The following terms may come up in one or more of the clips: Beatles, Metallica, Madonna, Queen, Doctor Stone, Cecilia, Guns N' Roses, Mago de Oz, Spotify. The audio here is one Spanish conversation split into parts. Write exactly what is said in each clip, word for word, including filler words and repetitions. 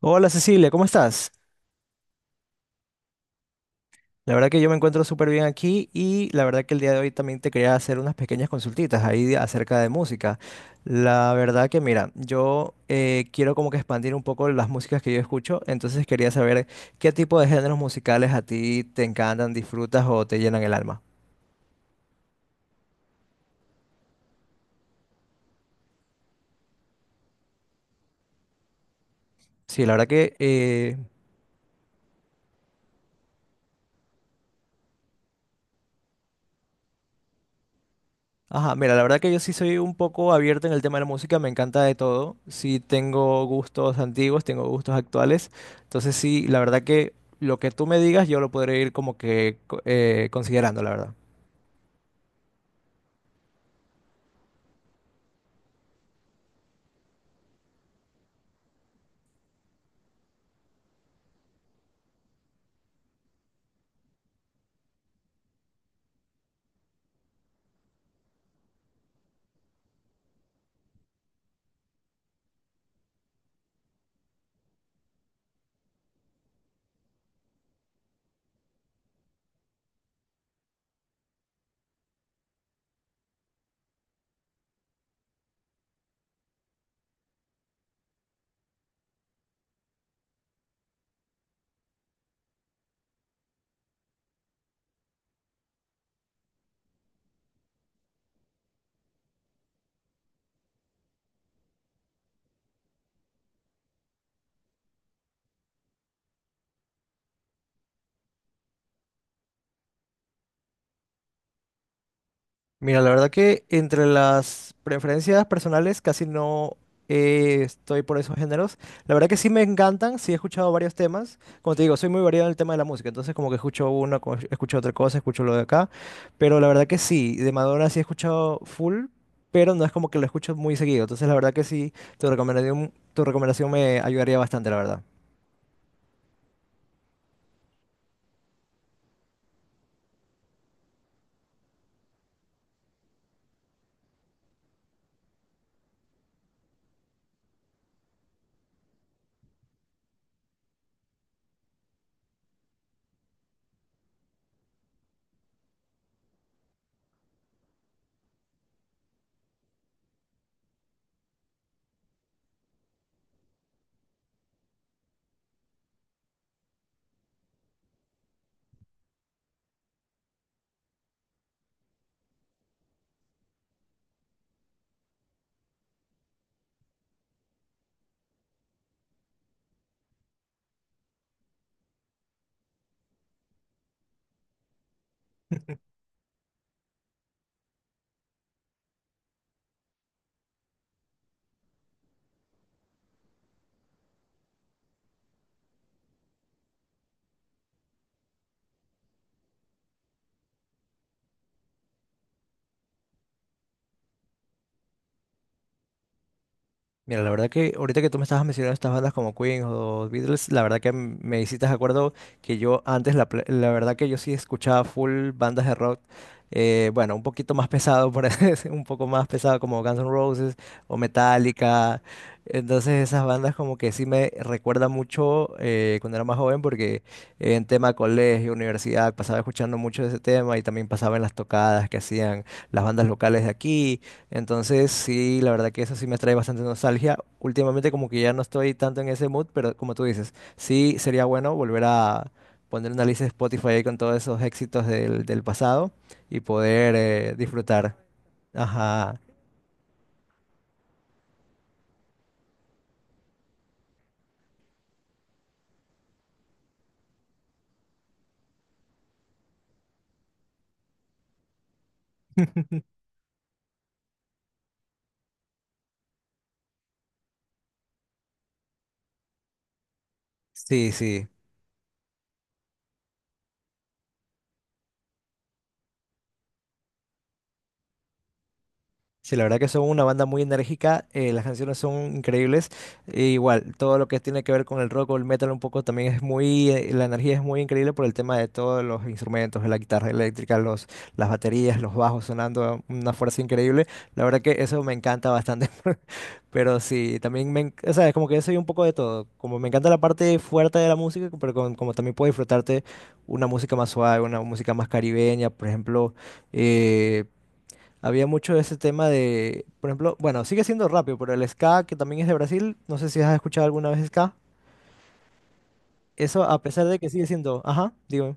Hola Cecilia, ¿cómo estás? La verdad que yo me encuentro súper bien aquí y la verdad que el día de hoy también te quería hacer unas pequeñas consultitas ahí de- acerca de música. La verdad que mira, yo eh, quiero como que expandir un poco las músicas que yo escucho, entonces quería saber qué tipo de géneros musicales a ti te encantan, disfrutas o te llenan el alma. Sí, la verdad que eh, ajá, mira, la verdad que yo sí soy un poco abierto en el tema de la música, me encanta de todo. Sí tengo gustos antiguos, tengo gustos actuales. Entonces sí, la verdad que lo que tú me digas yo lo podré ir como que co- eh, considerando, la verdad. Mira, la verdad que entre las preferencias personales casi no eh, estoy por esos géneros. La verdad que sí me encantan, sí he escuchado varios temas. Como te digo, soy muy variado en el tema de la música, entonces como que escucho uno, co- escucho otra cosa, escucho lo de acá. Pero la verdad que sí, de Madonna sí he escuchado full, pero no es como que lo escucho muy seguido. Entonces la verdad que sí, tu recomendación, tu recomendación me ayudaría bastante, la verdad. Mira, la verdad que ahorita que tú me estabas mencionando estas bandas como Queen o Beatles, la verdad que m- me hiciste de acuerdo que yo antes, la, pla- la verdad que yo sí escuchaba full bandas de rock, eh, bueno, un poquito más pesado, por así decir, un poco más pesado como Guns N' Roses o Metallica. Entonces esas bandas como que sí me recuerda mucho eh, cuando era más joven porque en tema colegio, universidad, pasaba escuchando mucho de ese tema y también pasaba en las tocadas que hacían las bandas locales de aquí. Entonces, sí, la verdad que eso sí me trae bastante nostalgia. Últimamente como que ya no estoy tanto en ese mood, pero como tú dices, sí sería bueno volver a poner una lista de Spotify ahí con todos esos éxitos del, del pasado y poder eh, disfrutar. Ajá, sí, sí. Sí, la verdad que son una banda muy enérgica, eh, las canciones son increíbles, e igual, todo lo que tiene que ver con el rock o el metal un poco también es muy, eh, la energía es muy increíble por el tema de todos los instrumentos, la guitarra eléctrica, los, las baterías, los bajos sonando a una fuerza increíble, la verdad que eso me encanta bastante, pero sí, también me, en- o sea, es como que yo soy un poco de todo, como me encanta la parte fuerte de la música, pero con- como también puedo disfrutarte una música más suave, una música más caribeña, por ejemplo eh, había mucho de ese tema de, por ejemplo, bueno, sigue siendo rápido, pero el ska, que también es de Brasil, no sé si has escuchado alguna vez ska. Eso, a pesar de que sigue siendo, ajá, digo,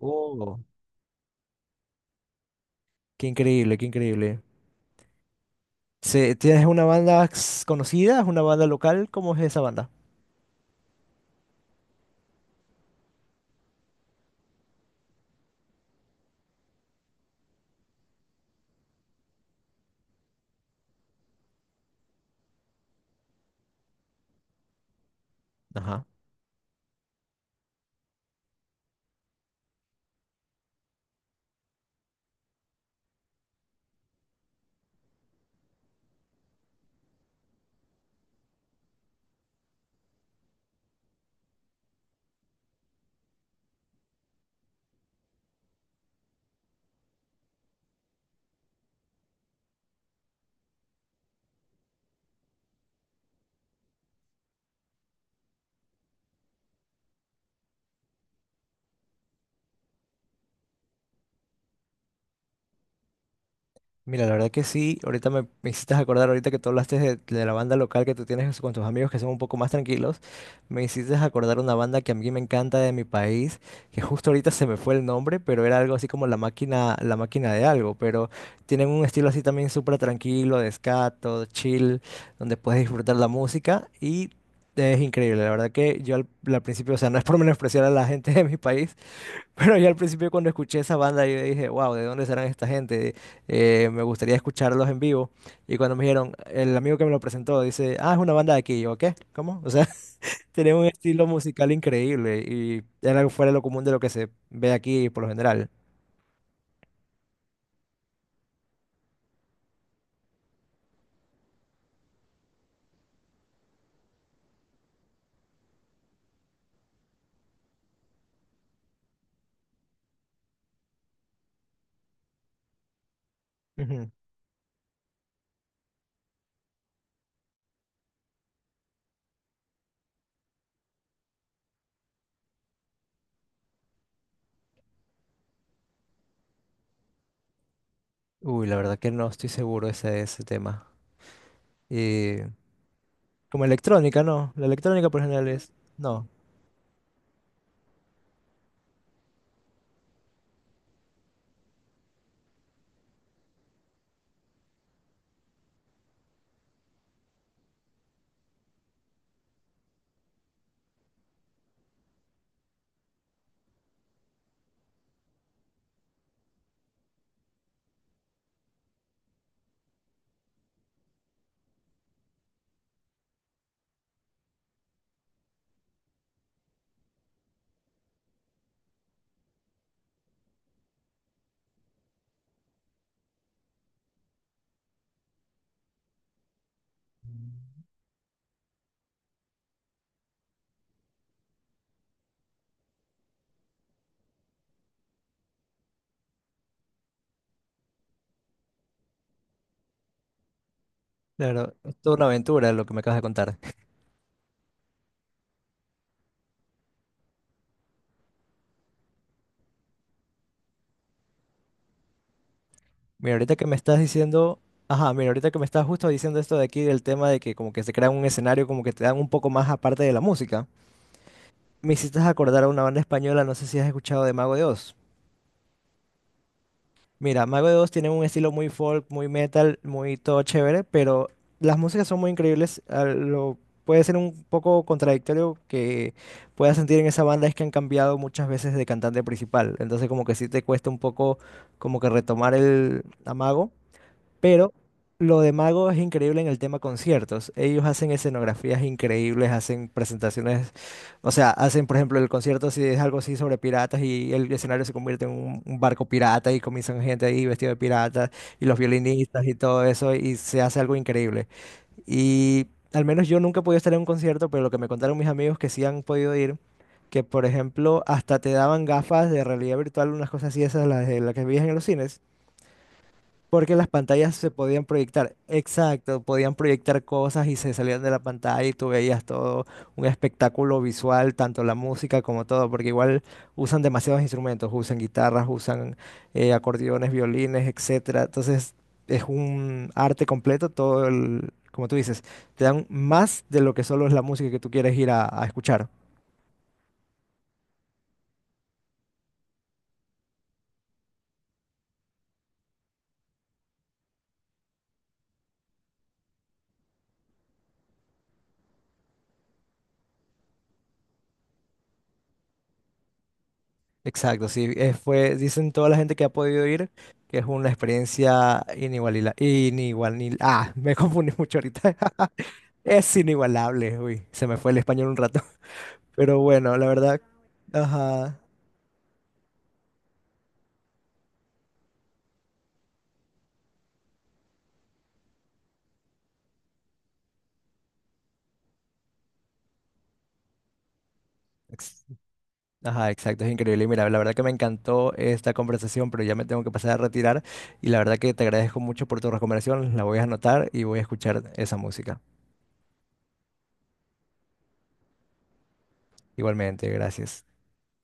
oh, qué increíble, qué increíble. Se- ¿tienes una banda s- conocida, una banda local? ¿Cómo es esa banda? Ajá. Mira, la verdad que sí, ahorita me, me hiciste acordar, ahorita que tú hablaste de, de la banda local que tú tienes con tus amigos que son un poco más tranquilos, me hiciste acordar una banda que a mí me encanta de mi país, que justo ahorita se me fue el nombre, pero era algo así como La Máquina, La Máquina de algo, pero tienen un estilo así también súper tranquilo, de ska, todo chill, donde puedes disfrutar la música y es increíble, la verdad que yo al, al principio, o sea, no es por menospreciar a la gente de mi país, pero yo al principio cuando escuché esa banda yo dije, wow, ¿de dónde serán esta gente? Eh, me gustaría escucharlos en vivo. Y cuando me dijeron, el amigo que me lo presentó dice, ah, es una banda de aquí. Y yo, ¿qué? ¿Cómo? O sea, tienen un estilo musical increíble y era algo fuera de lo común de lo que se ve aquí por lo general. Ujú. Uy, la verdad que no estoy seguro ese de ese tema. Y como electrónica, no. La electrónica por lo general es, no. Claro, es toda una aventura lo que me acabas de contar. Mira, ahorita que me estás diciendo, ajá, mira, ahorita que me estás justo diciendo esto de aquí del tema de que como que se crea un escenario como que te dan un poco más aparte de la música, me hiciste acordar a una banda española, no sé si has escuchado de Mago de Oz. Mira, Mago de Oz tiene un estilo muy folk, muy metal, muy todo chévere, pero las músicas son muy increíbles. A lo puede ser un poco contradictorio que puedas sentir en esa banda es que han cambiado muchas veces de cantante principal, entonces como que sí te cuesta un poco como que retomar el amago. Pero lo de Mago es increíble en el tema conciertos. Ellos hacen escenografías increíbles, hacen presentaciones, o sea, hacen, por ejemplo, el concierto si es algo así sobre piratas y el escenario se convierte en un, un barco pirata y comienzan gente ahí vestida de pirata y los violinistas y todo eso y se hace algo increíble. Y al menos yo nunca he podido estar en un concierto, pero lo que me contaron mis amigos que sí han podido ir, que por ejemplo hasta te daban gafas de realidad virtual, unas cosas así, esas las, de las que veías en los cines. Porque las pantallas se podían proyectar, exacto, podían proyectar cosas y se salían de la pantalla y tú veías todo un espectáculo visual, tanto la música como todo, porque igual usan demasiados instrumentos, usan guitarras, usan eh, acordeones, violines, etcétera. Entonces es un arte completo, todo el, como tú dices, te dan más de lo que solo es la música que tú quieres ir a a escuchar. Exacto, sí, eh, fue, dicen toda la gente que ha podido ir que es una experiencia inigualable. Inigualil- ah, me confundí mucho ahorita, es inigualable, uy, se me fue el español un rato, pero bueno, la verdad, ajá, ex- ajá, exacto, es increíble, y mira, la verdad que me encantó esta conversación, pero ya me tengo que pasar a retirar, y la verdad que te agradezco mucho por tu recomendación, la voy a anotar y voy a escuchar esa música, igualmente, gracias.